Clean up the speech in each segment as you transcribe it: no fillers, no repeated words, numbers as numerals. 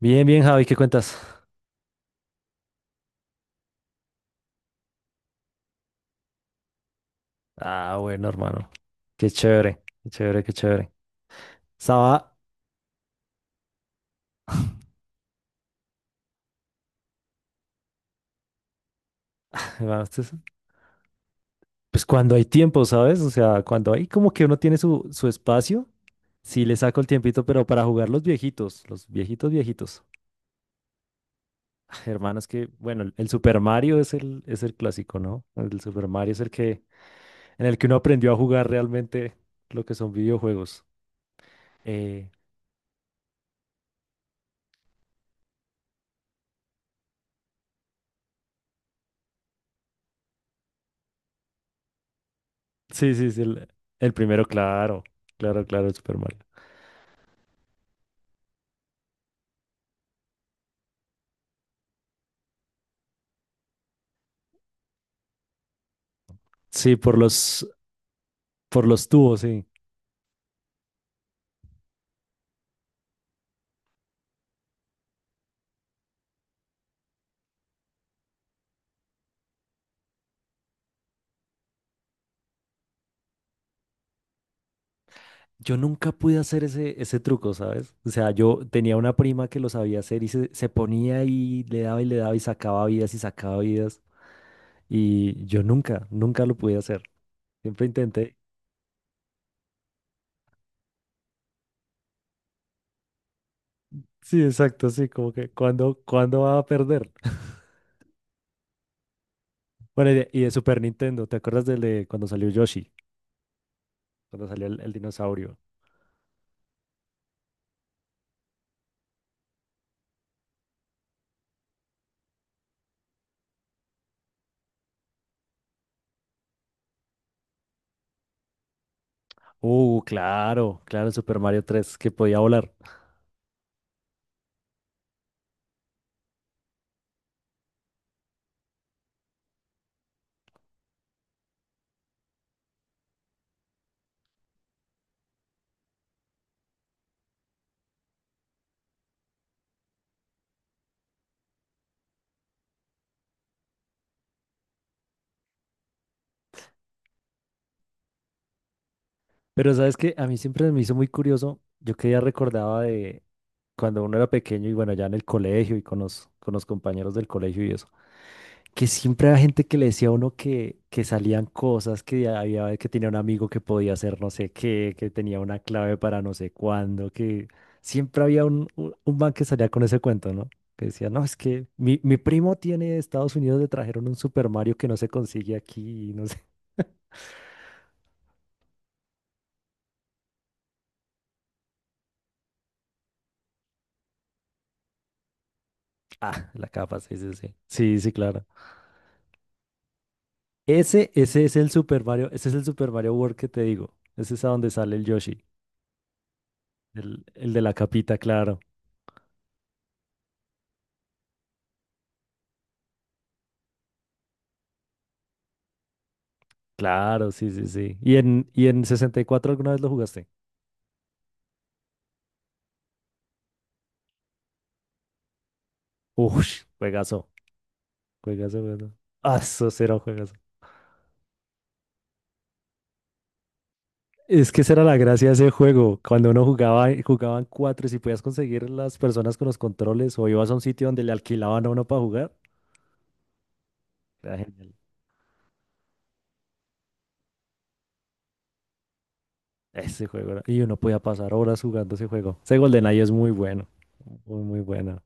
Bien, bien, Javi, ¿qué cuentas? Ah, bueno, hermano. Qué chévere, qué chévere, qué chévere. Estaba, bueno, esto es- Pues cuando hay tiempo, ¿sabes? O sea, cuando hay como que uno tiene su espacio, sí le saco el tiempito, pero para jugar los viejitos, viejitos. Hermano, es que, bueno, el Super Mario es el clásico, ¿no? El Super Mario es el que, en el que uno aprendió a jugar realmente lo que son videojuegos. Eh, sí, sí, sí, el primero, claro, claro, claro, el Super Mario. Sí, por los, por los tubos, sí. Yo nunca pude hacer ese truco, ¿sabes? O sea, yo tenía una prima que lo sabía hacer y se ponía y le daba y le daba y sacaba vidas y sacaba vidas. Y yo nunca, nunca lo pude hacer. Siempre intenté. Sí, exacto, sí, como que cuando, ¿cuándo va a perder? Bueno, y de Super Nintendo, ¿te acuerdas del de cuando salió Yoshi? Cuando salió el dinosaurio. Claro, claro, el Super Mario 3 que podía volar. Pero sabes que a mí siempre me hizo muy curioso, yo que ya recordaba de cuando uno era pequeño y bueno, ya en el colegio y con con los compañeros del colegio y eso, que siempre había gente que le decía a uno que salían cosas, que había que tenía un amigo que podía hacer no sé qué, que tenía una clave para no sé cuándo, que siempre había un man que salía con ese cuento, ¿no? Que decía, no, es que mi primo tiene de Estados Unidos, le trajeron un Super Mario que no se consigue aquí, y no sé. Ah, la capa, sí, sí, sí. Sí, sí, claro. Ese es el Super Mario, ese es el Super Mario World que te digo. Ese es a donde sale el Yoshi, el de la capita, claro. Claro, sí, sí, sí. ¿Y y en 64 alguna vez lo jugaste? Ush, juegazo, juegazo, juegazo. Ah, eso será un juegazo. Es que esa era la gracia de ese juego. Cuando uno jugaba, jugaban cuatro y si podías conseguir las personas con los controles o ibas a un sitio donde le alquilaban a uno para jugar, era genial. Ese juego era- y uno podía pasar horas jugando ese juego. Ese GoldenEye es muy bueno, muy, muy bueno.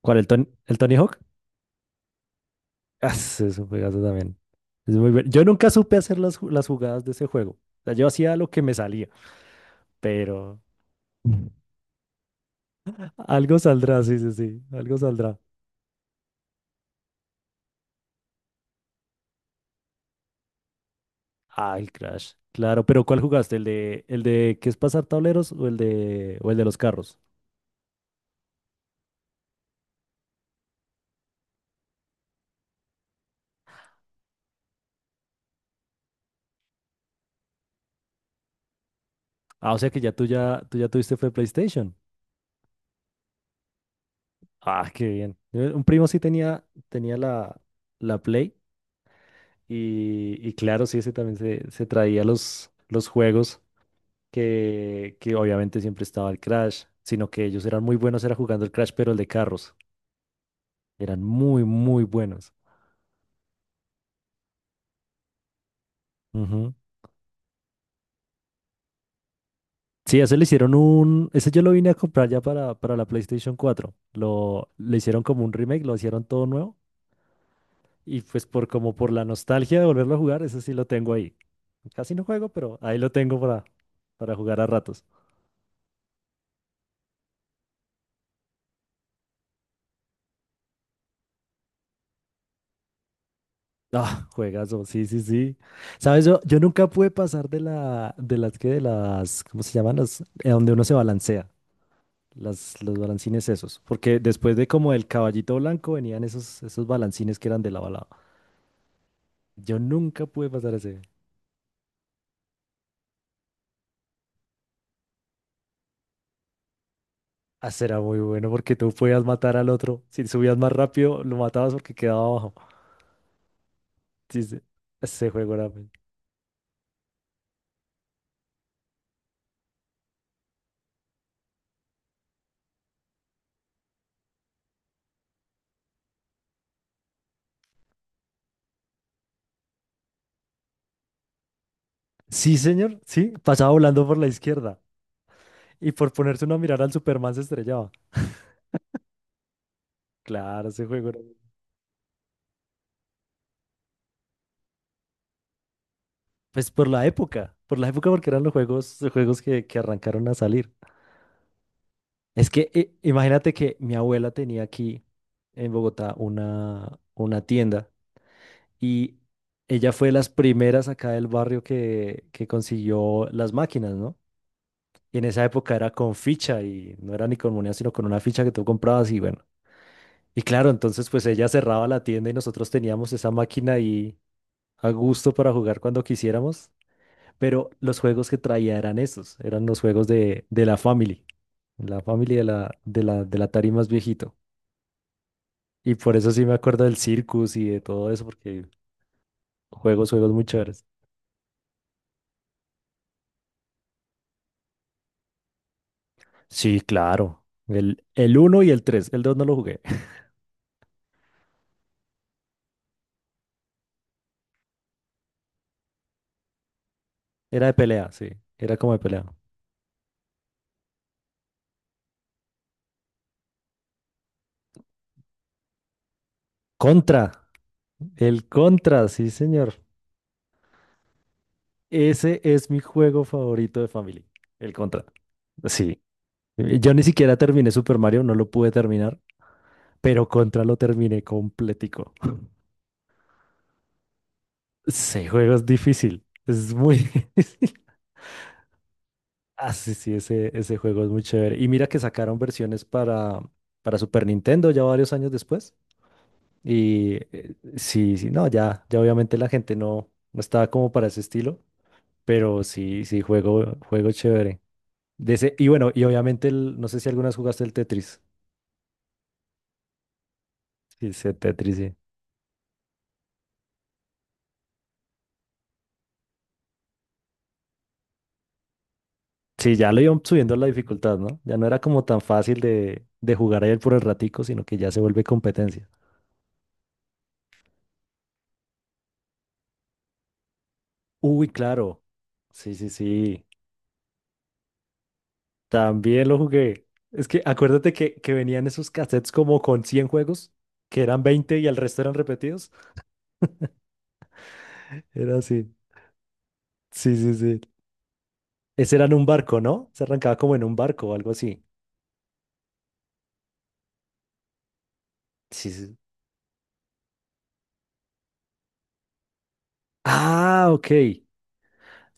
¿Cuál? ¿El Tony Hawk? Ah, ese es un juegazo también. Es muy bueno. Yo nunca supe hacer las jugadas de ese juego. O sea, yo hacía lo que me salía, pero algo saldrá, sí, sí, sí, algo saldrá. Ah, el Crash. Claro, pero ¿cuál jugaste? ¿El de qué, ¿es pasar tableros o el de los carros? Ah, o sea que ya tú tuviste fue PlayStation. Ah, qué bien. Un primo sí tenía la la Play y claro, sí, ese también se traía los juegos. Que que obviamente siempre estaba el Crash, sino que ellos eran muy buenos, era jugando el Crash, pero el de carros. Eran muy, muy buenos. Ujú. Sí, ese le hicieron un. Ese yo lo vine a comprar ya para la PlayStation 4. Le hicieron como un remake, lo hicieron todo nuevo. Y pues por como por la nostalgia de volverlo a jugar, ese sí lo tengo ahí. Casi no juego, pero ahí lo tengo para jugar a ratos. Ah, juegazo, sí, sí, sí. Sabes, yo nunca pude pasar de la, de las que, de las, ¿cómo se llaman? Donde uno se balancea, los balancines esos. Porque después de como el caballito blanco venían esos, esos balancines que eran de lado a lado. Yo nunca pude pasar ese. Ah, será muy bueno porque tú podías matar al otro. Si subías más rápido, lo matabas porque quedaba abajo. Sí, sí. Ese juego era muy- sí, señor, sí. Pasaba volando por la izquierda. Y por ponerse uno a mirar al Superman se estrellaba. Claro, ese juego. Pues por la época porque eran los juegos que arrancaron a salir. Es que imagínate que mi abuela tenía aquí en Bogotá una tienda y ella fue de las primeras acá del barrio que consiguió las máquinas, ¿no? Y en esa época era con ficha y no era ni con moneda, sino con una ficha que tú comprabas y bueno. Y claro, entonces pues ella cerraba la tienda y nosotros teníamos esa máquina ahí a gusto para jugar cuando quisiéramos. Pero los juegos que traía eran esos, eran los juegos de la Family del Atari más viejito. Y por eso sí me acuerdo del Circus y de todo eso, porque juegos, juegos muy chéveres. Sí, claro. El uno y el tres, el dos no lo jugué. Era de pelea, sí, era como de pelea. Contra, el Contra, sí, señor. Ese es mi juego favorito de Family, el Contra. Sí, yo ni siquiera terminé Super Mario, no lo pude terminar, pero Contra lo terminé completico. Ese juego es difícil, es muy difícil. Ah, sí, sí, ese juego es muy chévere. Y mira que sacaron versiones para Super Nintendo ya varios años después. Y sí, sí, no, ya, ya obviamente la gente no, no estaba como para ese estilo, pero sí, sí, juego, juego chévere. De ese, y bueno, y obviamente, el, no sé si algunas jugaste el Tetris. Sí, ese Tetris, sí. Sí, ya lo iban subiendo la dificultad, ¿no? Ya no era como tan fácil de jugar a él por el ratico, sino que ya se vuelve competencia. Uy, claro. Sí, sí, sí. También lo jugué. Es que acuérdate que venían esos cassettes como con 100 juegos, que eran 20 y el resto eran repetidos. Era así. Sí, sí, sí. Ese era en un barco, ¿no? Se arrancaba como en un barco o algo así. Sí, sí, sí. Ah, ok.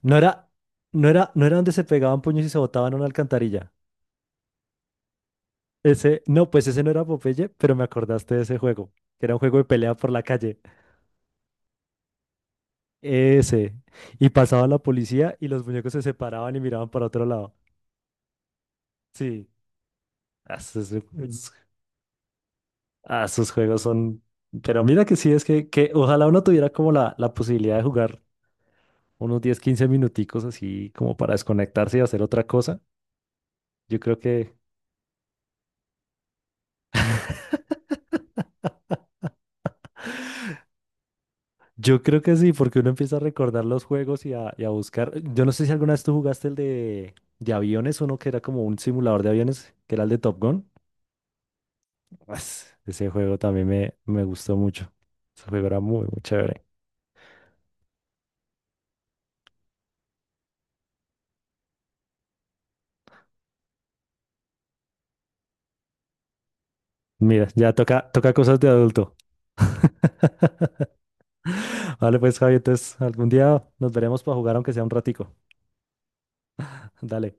No era, no era, no era donde se pegaban puños y se botaban a una alcantarilla. Ese, no, pues ese no era Popeye, pero me acordaste de ese juego, que era un juego de pelea por la calle. Ese. Y pasaba la policía y los muñecos se separaban y miraban para otro lado. Sí. Ah, Esos, es- ah, esos juegos son... Pero mira que sí, es que ojalá uno tuviera como la posibilidad de jugar unos 10, 15 minuticos así como para desconectarse y hacer otra cosa. Yo creo que... yo creo que sí, porque uno empieza a recordar los juegos y a buscar. Yo no sé si alguna vez tú jugaste el de aviones, uno que era como un simulador de aviones, que era el de Top Gun. Ese juego también me gustó mucho. Ese juego era muy, muy chévere. Mira, ya toca, toca cosas de adulto. Vale, pues Javi, entonces algún día nos veremos para jugar aunque sea un ratico. Dale.